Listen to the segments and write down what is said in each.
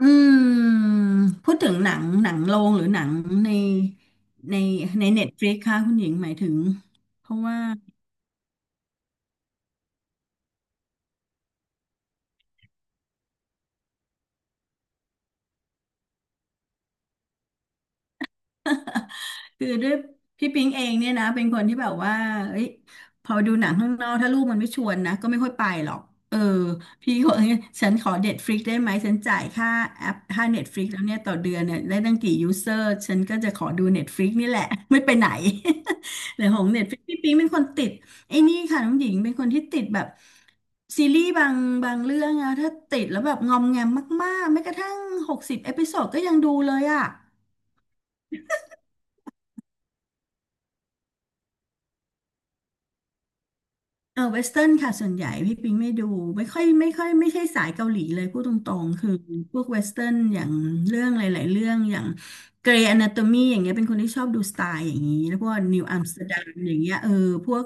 อืมพูดถึงหนังโรงหรือหนังในในในเน็ตฟลิกค่ะคุณหญิงหมายถึงเพราะว่า คือด้วยพี่ปิงเองเนี่ยนะเป็นคนที่แบบว่าเอ้ยพอดูหนังข้างนอกถ้าลูกมันไม่ชวนนะก็ไม่ค่อยไปหรอกเออพี่ก็เอ้ยฉันขอเน็ตฟลิกได้ไหมฉันจ่ายค่าแอปค่าเน็ตฟลิกแล้วเนี่ยต่อเดือนเนี่ยได้ตั้งกี่ยูเซอร์ฉันก็จะขอดูเน็ตฟลิกนี่แหละ ไม่ไปไหน แต่ของเน็ตฟลิกพี่ปิงเป็นคนติดไอ้นี่ค่ะน้องหญิงเป็นคนที่ติดแบบซีรีส์บางเรื่องอะถ้าติดแล้วแบบงอมแงมมากๆแม้กระทั่ง60 เอพิโซดก็ยังดูเลยอะ เออเวสเทิร์นค่ะส่วนใหญ่พี่ปิงไม่ดูไม่ค่อยไม่ใช่สายเกาหลีเลยพูดตรงๆคือพวกเวสเทิร์นอย่างเรื่องหลายๆเรื่องอย่างเกรย์อนาโตมีอย่างเงี้ยเป็นคนที่ชอบดูสไตล์อย่างนี้แล้วพวกนิวอัมสเตอร์ดัมอย่างเงี้ยเออพวก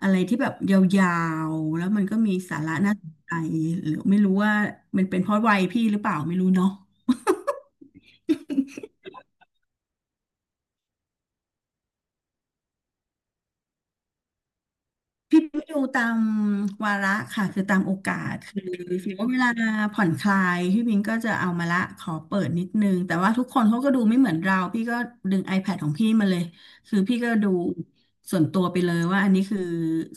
อะไรที่แบบยาวๆแล้วมันก็มีสาระน่าสนใจหรือไม่รู้ว่ามันเป็นเพราะวัยพี่หรือเปล่าไม่รู้เนาะ พี่ไปดูตามวาระค่ะคือตามโอกาสคือถือว่าเวลาผ่อนคลายพี่บิงก็จะเอามาละขอเปิดนิดนึงแต่ว่าทุกคนเขาก็ดูไม่เหมือนเราพี่ก็ดึง iPad ของพี่มาเลยคือพี่ก็ดูส่วนตัวไปเลยว่าอันนี้คือ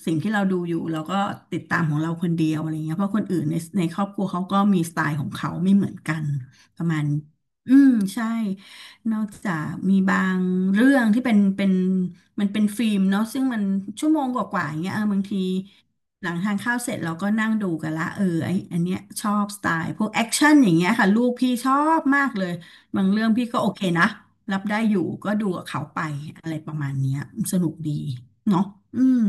สิ่งที่เราดูอยู่เราก็ติดตามของเราคนเดียวอะไรเงี้ยเพราะคนอื่นในครอบครัวเขาก็มีสไตล์ของเขาไม่เหมือนกันประมาณนี้อืมใช่ นอกจากมีบางเรื่องที่เป็นมันเป็นฟิล์มเนาะซึ่งมันชั่วโมงกว่าๆอย่างเงี้ยเออบางทีหลังทานข้าวเสร็จเราก็นั่งดูกันละเออไออันเนี้ยชอบสไตล์พวกแอคชั่นอย่างเงี้ยค่ะลูกพี่ชอบมากเลยบางเรื่องพี่ก็โอเคนะรับได้อยู่ก็ดูกับเขาไปอะไรประมาณเนี้ยสนุกดีเนาะอืม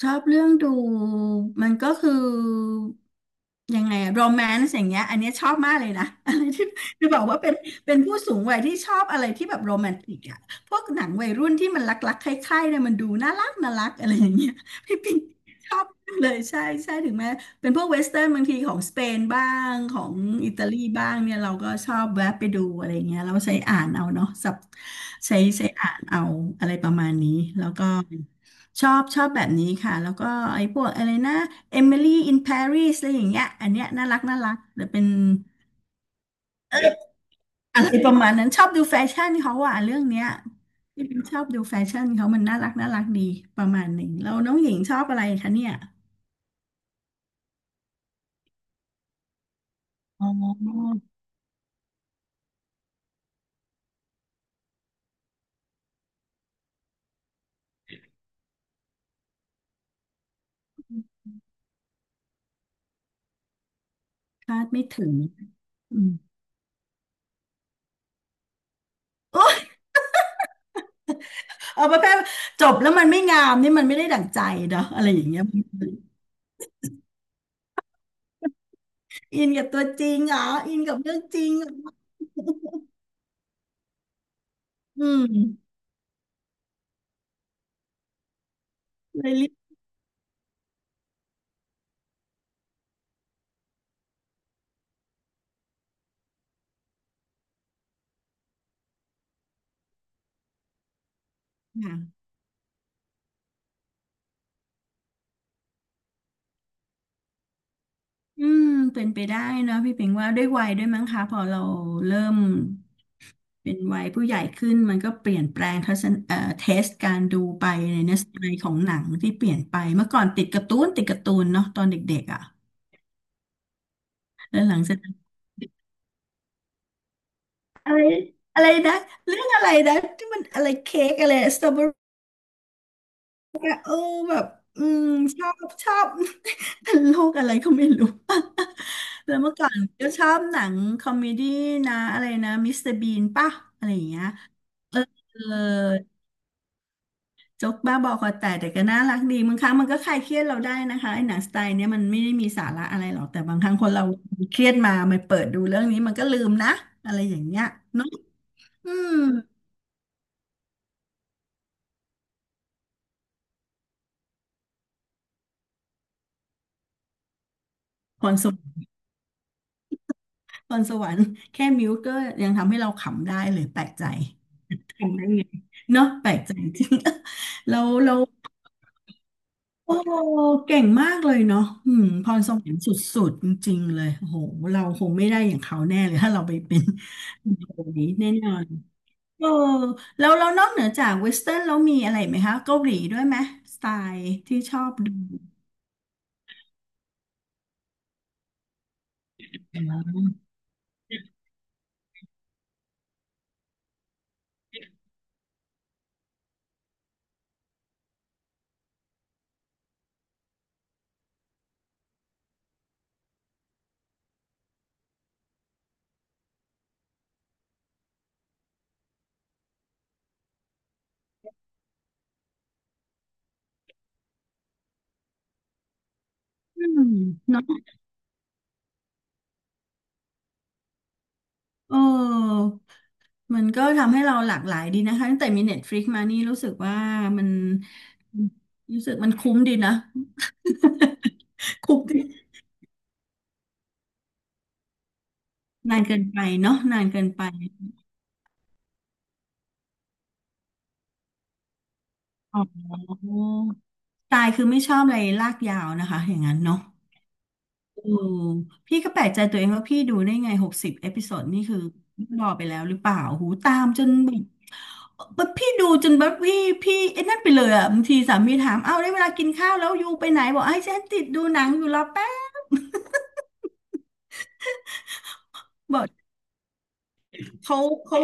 ชอบเรื่องดูมันก็คือยังไงโรแมนต์อย่างเงี้ยอันเนี้ยชอบมากเลยนะ อะไรที่จะบอกว่าเป็นผู้สูงวัยที่ชอบอะไรที่แบบโรแมนติกอะพวกหนังวัยรุ่นที่มันรักๆใคร่ๆเนี่ยมันดูน่ารักน่ารักอะไรอย่างเงี้ย พี่ปิงชอบเลยใช่ใช่ถึงแม้เป็นพวกเวสเทิร์นบางทีของสเปนบ้างของอิตาลีบ้างเนี่ยเราก็ชอบแวะไปดูอะไรเงี้ยเราใช้อ่านเอาเนาะใช้อ่านเอาอะไรประมาณนี้แล้วก็ ชอบแบบนี้ค่ะแล้วก็ไอ้พวกอะไรนะ Emily in Paris อะไรอย่างเงี้ยอันเนี้ยน่ารักน่ารักแต่เป็นอะไรประมาณนั้นชอบดูแฟชั่นเขาอ่ะเรื่องเนี้ยที่เป็นชอบดูแฟชั่นเขามันน่ารักน่ารักดีประมาณหนึ่งแล้วน้องหญิงชอบอะไรคะเนี่ยอ๋อคาดไม่ถึงอืมโอ้ยเอาประเภทจบแล้วมันไม่งามนี่มันไม่ได้ดั่งใจเนาะอะไรอย่างเงี้ยอินกับตัวจริงเหรออินกับเรื่องจริงเหรออืมเลยรีบ อืมเป็นไปได้เนอะพี่เปิงว่าด้วยวัยด้วยมั้งคะพอเราเริ่มเป็นวัยผู้ใหญ่ขึ้นมันก็เปลี่ยนแปลงทัศนเทสการดูไปในเนื้อสไตล์ของหนังที่เปลี่ยนไปเมื่อก่อนติดการ์ตูนติดการ์ตูนเนาะตอนเด็กๆอ่ะแล้วหลังจากนั้นอะไรอะไรนะเรื่องอะไรนะที่มันอะไรเค้กอะไรสตรอเบอรี่โอ้แบบอืมชอบ โลกอะไรก็ไม่รู้ แล้วเมื่อก่อนก็ชอบหนังคอมเมดี้นะอะไรนะมิสเตอร์บีนป่ะอะไรอย่างเงี้ย เออเออโจ๊กบ้าบอคอแตกแต่ก็น่ารักดีบางครั้งมันก็คลายเครียดเราได้นะคะไอ้หนังสไตล์เนี้ยมันไม่ได้มีสาระอะไรหรอกแต่บางครั้งคนเราเครียดมามันเปิดดูเรื่องนี้มันก็ลืมนะอะไรอย่างเงี้ยเนาะอืมพรสวรรค์พรสวรรค์แค่มิวก็ยังทำให้เราขำได้เลยแปลกใจขำได้ไงเนาะแปลกใจจริง เราเรา โอ้เก่งมากเลยเนาะอืมพรสวรรค์สุดๆจริงๆเลยโอ้โหเราคงไม่ได้อย่างเขาแน่เลยถ้าเราไปเป็นคนนี้แน่นอนเออแล้วนอกเหนือจากเวสเทิร์นแล้วมีอะไรไหมคะเกาหลีด้วยไหมสไตล์ที่ชอบดูอืมเนาะเออมันก็ทำให้เราหลากหลายดีนะคะตั้งแต่มี Netflix มานี่รู้สึกว่ามันรู้สึกมันคุ้มดีนะ คุ้มดีนานเกินไปเนาะนานเกินไป อ๋อ ตายคือไม่ชอบอะไรลากยาวนะคะอย่างนั้นเนาะอืมพี่ก็แปลกใจตัวเองว่าพี่ดูได้ไง60เอพิโซดนี่คือรอไปแล้วหรือเปล่า หูตามจนแบบแบบพี่ดูจนแบบพี่ไอ้นั่นไปเลยอะบางทีสามีถาม เอ้าได้เวลากินข้าวแล้วยูไปไหนบอกไอ้ฉันติดดูหนังอยู่รอแป๊บ บอกเขาเขา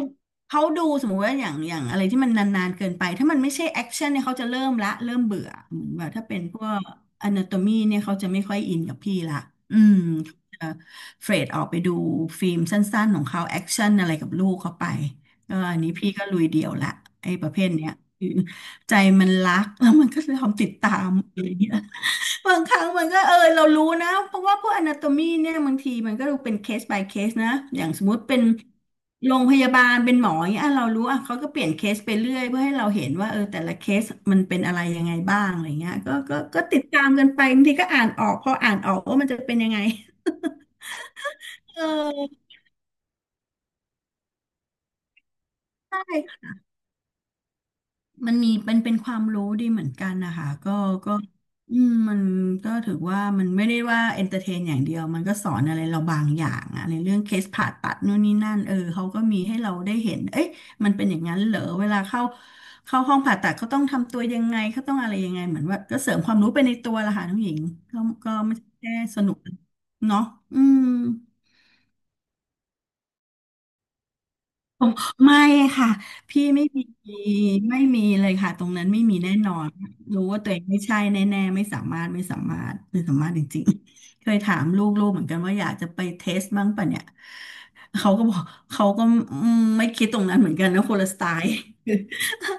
เขาดูสมมุติว่าอย่างอะไรที่มันนานๆเกินไปถ้ามันไม่ใช่แอคชั่นเนี่ยเขาจะเริ่มละเริ่มเบื่อเหมือนแบบถ้าเป็นพวก อนาโตมีเนี่ยเขาจะไม่ค่อยอินกับพี่ละอืมเขาจะเฟรดออกไปดูฟิล์มสั้นๆของเขาแอคชั่นอะไรกับลูกเขาไปก็อันนี้พี่ก็ลุยเดี่ยวละไอ้ประเภทเนี้ยคือใจมันรักแล้วมันก็ยอมติดตามอะไรเงี้ย บางครั้งมันก็เออเรารู้นะเพราะว่าพวก a นาโตมีเนี่ยบางทีมันก็ดูเป็นเคส by เคสนะอย่างสมมุติเป็นโรงพยาบาลเป็นหมออย่างเงี้ยอ่ะเรารู้อ่ะเขาก็เปลี่ยนเคสไปเรื่อยเพื่อให้เราเห็นว่าเออแต่ละเคสมันเป็นอะไรยังไงบ้างอะไรเงี้ยก็ติดตามกันไปบางทีก็อ่านออกพออ่านออกว่ามันจะเป็นยังไง เออใช่ มันมีเป็นความรู้ดีเหมือนกันนะคะก็อืมมันก็ถือว่ามันไม่ได้ว่าเอนเตอร์เทนอย่างเดียวมันก็สอนอะไรเราบางอย่างอะในเรื่องเคสผ่าตัดนู่นนี่นั่นเออเขาก็มีให้เราได้เห็นเอ๊ะมันเป็นอย่างนั้นเหรอเวลาเข้าห้องผ่าตัดเขาต้องทำตัวยังไงเขาต้องอะไรยังไงเหมือนว่าก็เสริมความรู้ไปในตัวละค่ะน้องหญิงก็ก็ไม่ใช่แค่สนุกเนาะอืม อ๋อไม่ค่ะพี่ไม่มีไม่มีเลยค่ะตรงนั้นไม่มีแน่นอนรู้ว่าตัวเองไม่ใช่แน่ๆไม่สามารถไม่สามารถไม่สามารถจริงๆเคยถามลูกๆเหมือนกันว่าอยากจะไปเทสบ้างปะเนี่ยเขาก็บอกเขาก็อืมไม่คิดตรงนั้นเหมือนกันนะคนละสไตล์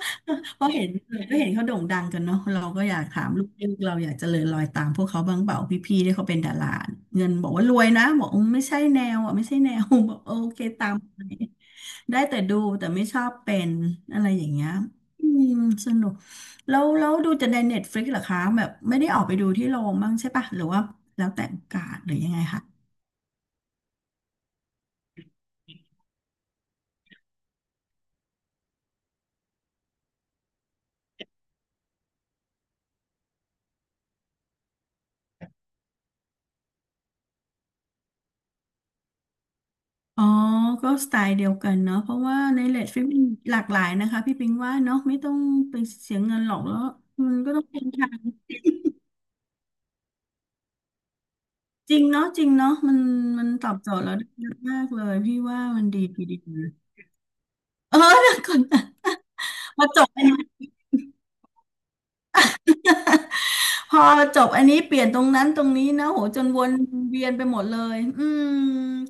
เพราะเห็นก็เห็นเขาโด่งดังกันเนาะเราก็อยากถามลูกๆเราอยากเจริญรอยตามพวกเขาบ้างเปล่าพี่ๆที่เขาเป็นดาราเงินบอกว่ารวยนะบอกอืมไม่ใช่แนวอ่ะไม่ใช่แนว บอกโอเคตามไปได้แต่ดูแต่ไม่ชอบเป็นอะไรอย่างเงี้ยอืมสนุกแล้วดูจะในเน็ตฟลิกซ์เหรอคะแบบไม่ได้ออกไปดูที่โรงบ้างใช่ปะหรือว่าแล้วแต่โอกาสหรือยังไงคะ อ๋อ ก็สไตล์เดียวกันเนาะเพราะว่าในเลดฟลิปมันหลากหลายนะคะพี่ปิงว่าเนาะไม่ต้องไปเสียเงินหรอกแล้วมันก็ต้องเป็นทางจริงเนาะจริงเนาะมันตอบโจทย์เราได้เยอะมากเลยพี่ว่ามันดีทีเดียวเออ เดี๋ยวก่อนะมาจบ พอจบอันนี้เปลี่ยนตรงนั้นตรงนี้นะโหจนวนเวียนไปหมดเลยอืม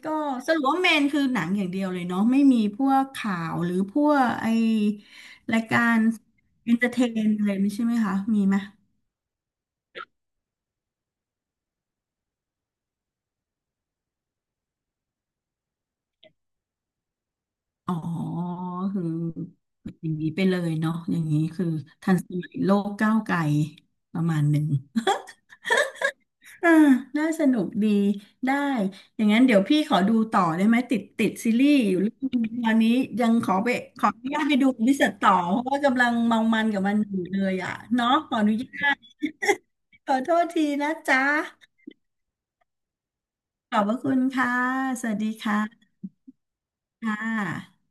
ก็สรุปว่าเมนคือหนังอย่างเดียวเลยเนาะไม่มีพวกข่าวหรือพวกไอรายการเอนเตอร์เทนอะไรไม่ใช่ไหมคะมีไหมอ๋อคืออย่างนี้ไปเลยเนาะอย่างนี้คือทันสมัยโลกก้าวไกลประมาณหนึ่ง อ่าน่าสนุกดีได้ อย่างนั้นเดี๋ยวพี่ขอดูต่อได้ไหมติดซีรีส์อยู่เรื่องนึงตอนนี้ยังขอไปขออนุญาตไปดูวิเศษต่อเพราะว่ากำลังเมามันกับมันอยู่เลยอ่ะเนาะขออนุญาต ขอโทษทีนะจ๊ะขอบพระคุณค่ะสวัสดีค่ะค่ะ